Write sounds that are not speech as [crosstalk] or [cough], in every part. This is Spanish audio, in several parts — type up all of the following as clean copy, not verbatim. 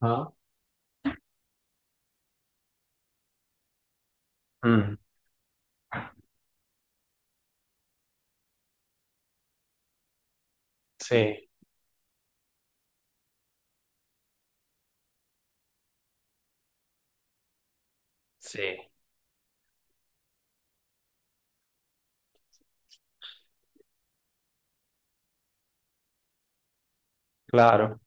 Ah, mm, sí, sí, claro.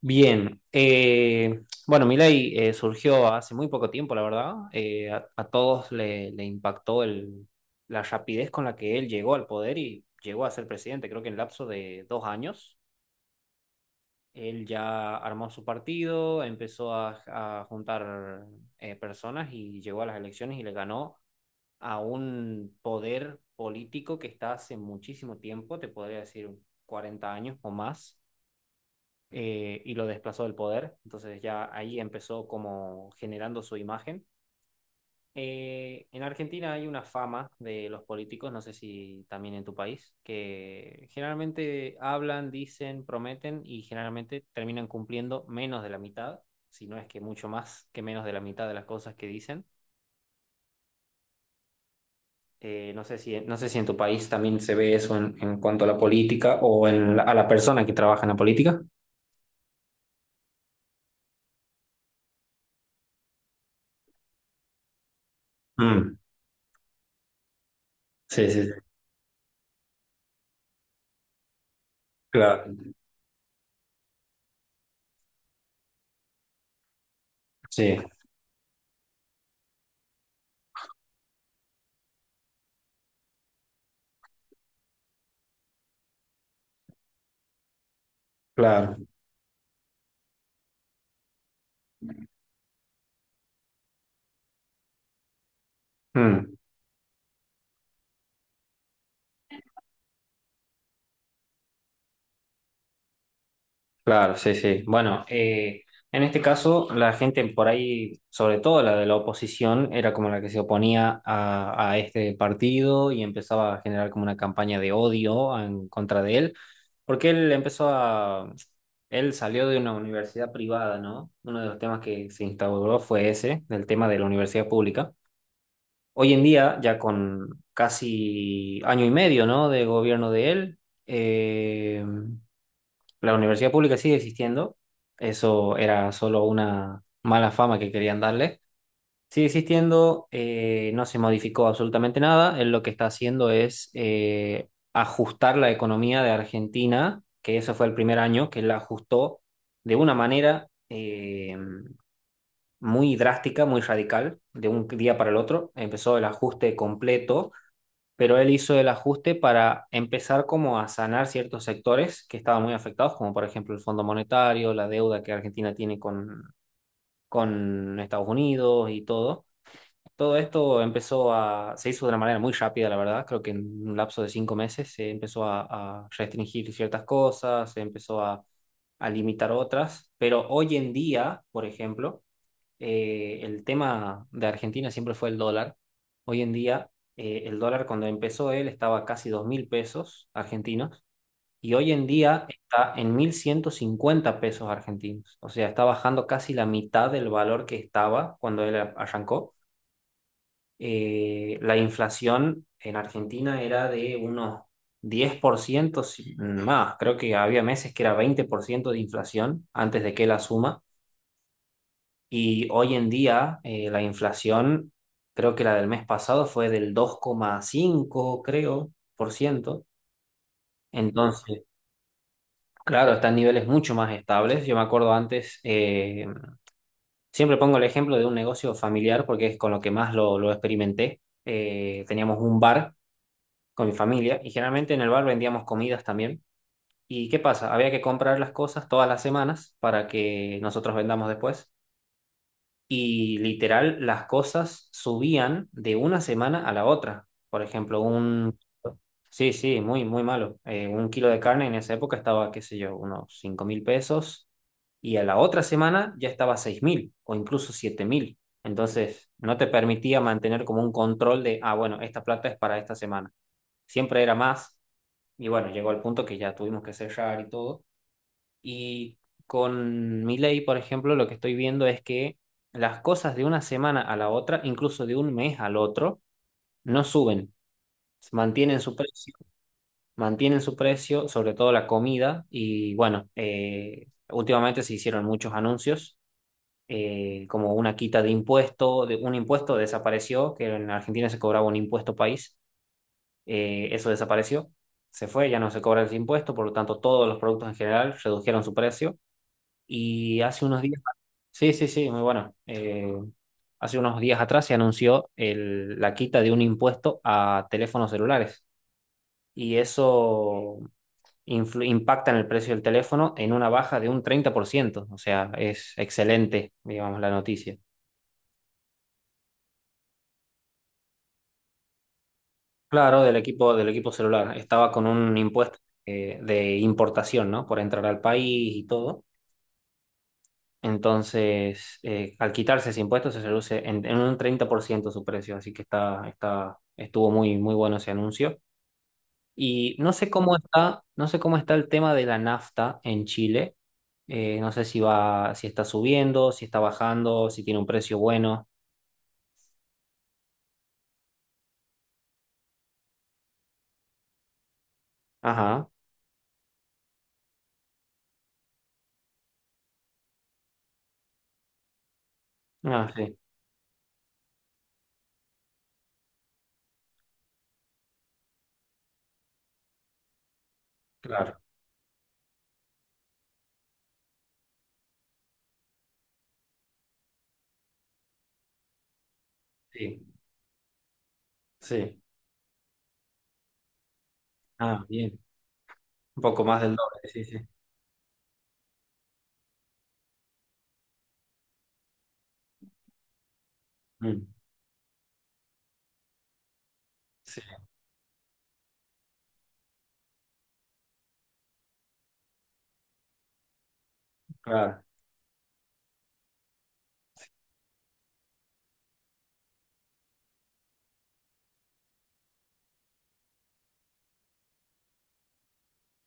Bien. Bueno, Milei surgió hace muy poco tiempo, la verdad. A todos le impactó la rapidez con la que él llegó al poder y llegó a ser presidente. Creo que en lapso de 2 años, él ya armó su partido, empezó a juntar personas y llegó a las elecciones y le ganó a un poder político que está hace muchísimo tiempo, te podría decir 40 años o más, y lo desplazó del poder. Entonces ya ahí empezó como generando su imagen. En Argentina hay una fama de los políticos, no sé si también en tu país, que generalmente hablan, dicen, prometen y generalmente terminan cumpliendo menos de la mitad, si no es que mucho más que menos de la mitad de las cosas que dicen. No sé si en tu país también se ve eso en cuanto a la política o a la persona que trabaja en la política. Mm, sí, sí, sí, claro. Sí, claro. Mm. Claro, sí, sí. Bueno, en este caso, la gente por ahí, sobre todo la de la oposición, era como la que se oponía a este partido y empezaba a generar como una campaña de odio en contra de él, porque él empezó a... Él salió de una universidad privada, ¿no? Uno de los temas que se instauró fue ese, del tema de la universidad pública. Hoy en día, ya con casi año y medio, ¿no? De gobierno de él. eh, la universidad pública sigue existiendo, eso era solo una mala fama que querían darle. Sigue existiendo, no se modificó absolutamente nada. Él lo que está haciendo es ajustar la economía de Argentina, que eso fue el primer año, que la ajustó de una manera muy drástica, muy radical, de un día para el otro. Empezó el ajuste completo, pero él hizo el ajuste para empezar como a sanar ciertos sectores que estaban muy afectados, como por ejemplo el Fondo Monetario, la deuda que Argentina tiene con Estados Unidos y todo. Todo esto se hizo de una manera muy rápida, la verdad. Creo que en un lapso de 5 meses se empezó a restringir ciertas cosas, se empezó a limitar otras, pero hoy en día, por ejemplo, el tema de Argentina siempre fue el dólar. Hoy en día, el dólar cuando empezó él estaba casi 2000 pesos argentinos y hoy en día está en 1150 pesos argentinos. O sea, está bajando casi la mitad del valor que estaba cuando él arrancó. La inflación en Argentina era de unos 10% más. Creo que había meses que era 20% de inflación antes de que él asuma. Y hoy en día la inflación, creo que la del mes pasado fue del 2,5, creo, por ciento. Entonces, claro, están niveles mucho más estables. Yo me acuerdo antes, siempre pongo el ejemplo de un negocio familiar porque es con lo que más lo experimenté. Teníamos un bar con mi familia y generalmente en el bar vendíamos comidas también. ¿Y qué pasa? Había que comprar las cosas todas las semanas para que nosotros vendamos después. Y literal las cosas subían de una semana a la otra. Por ejemplo, un... Sí, sí, muy, muy malo. Un kilo de carne en esa época estaba, qué sé yo, unos 5000 pesos y a la otra semana ya estaba a 6 mil o incluso 7000. Entonces, no te permitía mantener como un control de, ah, bueno, esta plata es para esta semana. Siempre era más y bueno, llegó al punto que ya tuvimos que cerrar y todo. Y con Milei, por ejemplo, lo que estoy viendo es que las cosas de una semana a la otra, incluso de un mes al otro, no suben, mantienen su precio, mantienen su precio, sobre todo la comida. Y bueno, últimamente se hicieron muchos anuncios, como una quita de impuesto, un impuesto desapareció, que en Argentina se cobraba un impuesto país, eso desapareció, se fue, ya no se cobra ese impuesto, por lo tanto todos los productos en general redujeron su precio. Y hace unos días, sí, sí, sí, muy bueno. Hace unos días atrás se anunció la quita de un impuesto a teléfonos celulares y eso impacta en el precio del teléfono en una baja de un 30%. O sea, es excelente, digamos, la noticia. Claro, del equipo celular. Estaba con un impuesto de importación, ¿no? Por entrar al país y todo. Entonces, al quitarse ese impuesto se reduce en un 30% su precio, así que está, está, estuvo muy, muy bueno ese anuncio. Y no sé cómo está, no sé cómo está el tema de la nafta en Chile. No sé si va, si está subiendo, si está bajando, si tiene un precio bueno. Ajá. Ah, sí, claro. Sí, sí. Ah, bien. Un poco más del doble, sí, sí. Mm, sí, claro.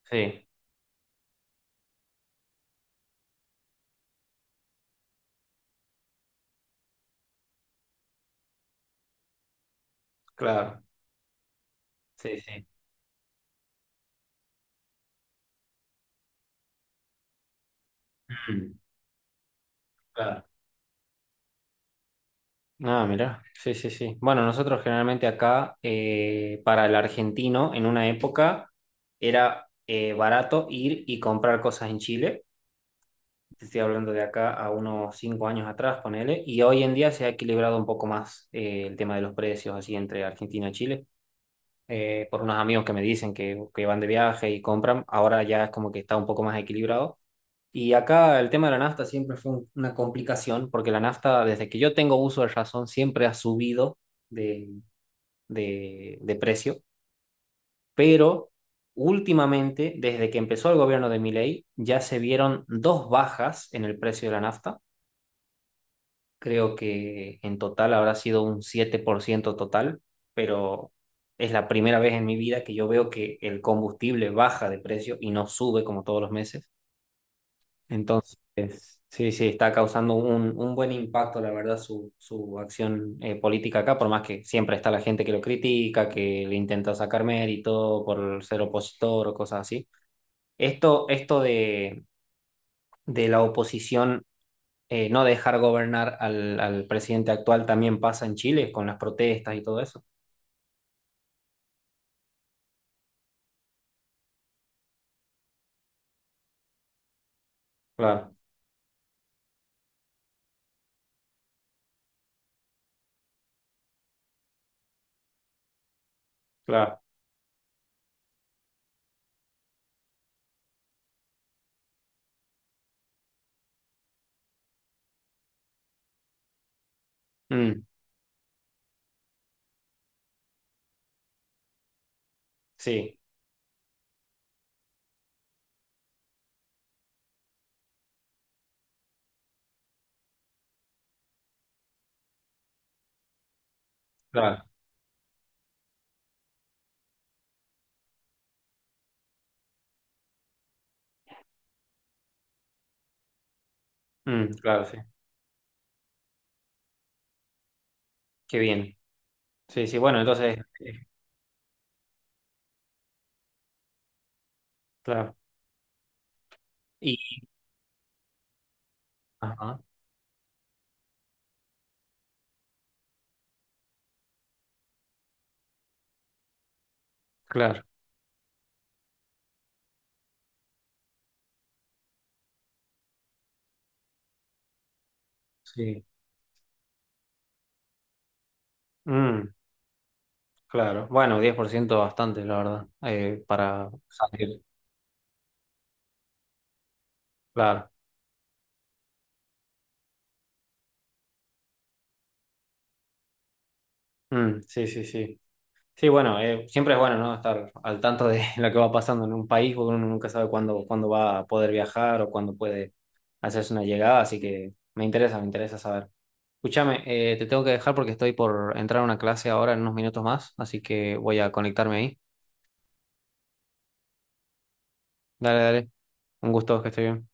Sí, claro. Sí, sí. Mm, claro. Ah, mirá, sí, sí, sí. Bueno, nosotros generalmente acá, para el argentino, en una época era barato ir y comprar cosas en Chile. Te estoy hablando de acá a unos 5 años atrás, ponele. Y hoy en día se ha equilibrado un poco más, el tema de los precios, así entre Argentina y Chile. Por unos amigos que me dicen que van de viaje y compran, ahora ya es como que está un poco más equilibrado. Y acá el tema de la nafta siempre fue una complicación, porque la nafta, desde que yo tengo uso de razón, siempre ha subido de, de precio, pero últimamente, desde que empezó el gobierno de Milei, ya se vieron dos bajas en el precio de la nafta. Creo que en total habrá sido un 7% total, pero es la primera vez en mi vida que yo veo que el combustible baja de precio y no sube como todos los meses. Entonces, sí, sí, está causando un buen impacto, la verdad, su acción política acá, por más que siempre está la gente que lo critica, que le intenta sacar mérito por ser opositor o cosas así. Esto de la oposición no dejar gobernar al presidente actual también pasa en Chile con las protestas y todo eso. Claro, claro. Mm, sí, claro. Mm, claro, sí. Qué bien. Sí, sí, bueno, entonces, claro. Y, ajá, claro. Sí. Mm, claro. Bueno, 10% bastante, la verdad, para salir. Claro. Mm, sí, sí, sí. Sí, bueno, siempre es bueno, ¿no? Estar al tanto de [laughs] lo que va pasando en un país, porque uno nunca sabe cuándo va a poder viajar o cuándo puede hacerse una llegada, así que me interesa saber. Escúchame, te tengo que dejar porque estoy por entrar a una clase ahora en unos minutos más, así que voy a conectarme ahí. Dale, dale. Un gusto, que esté bien.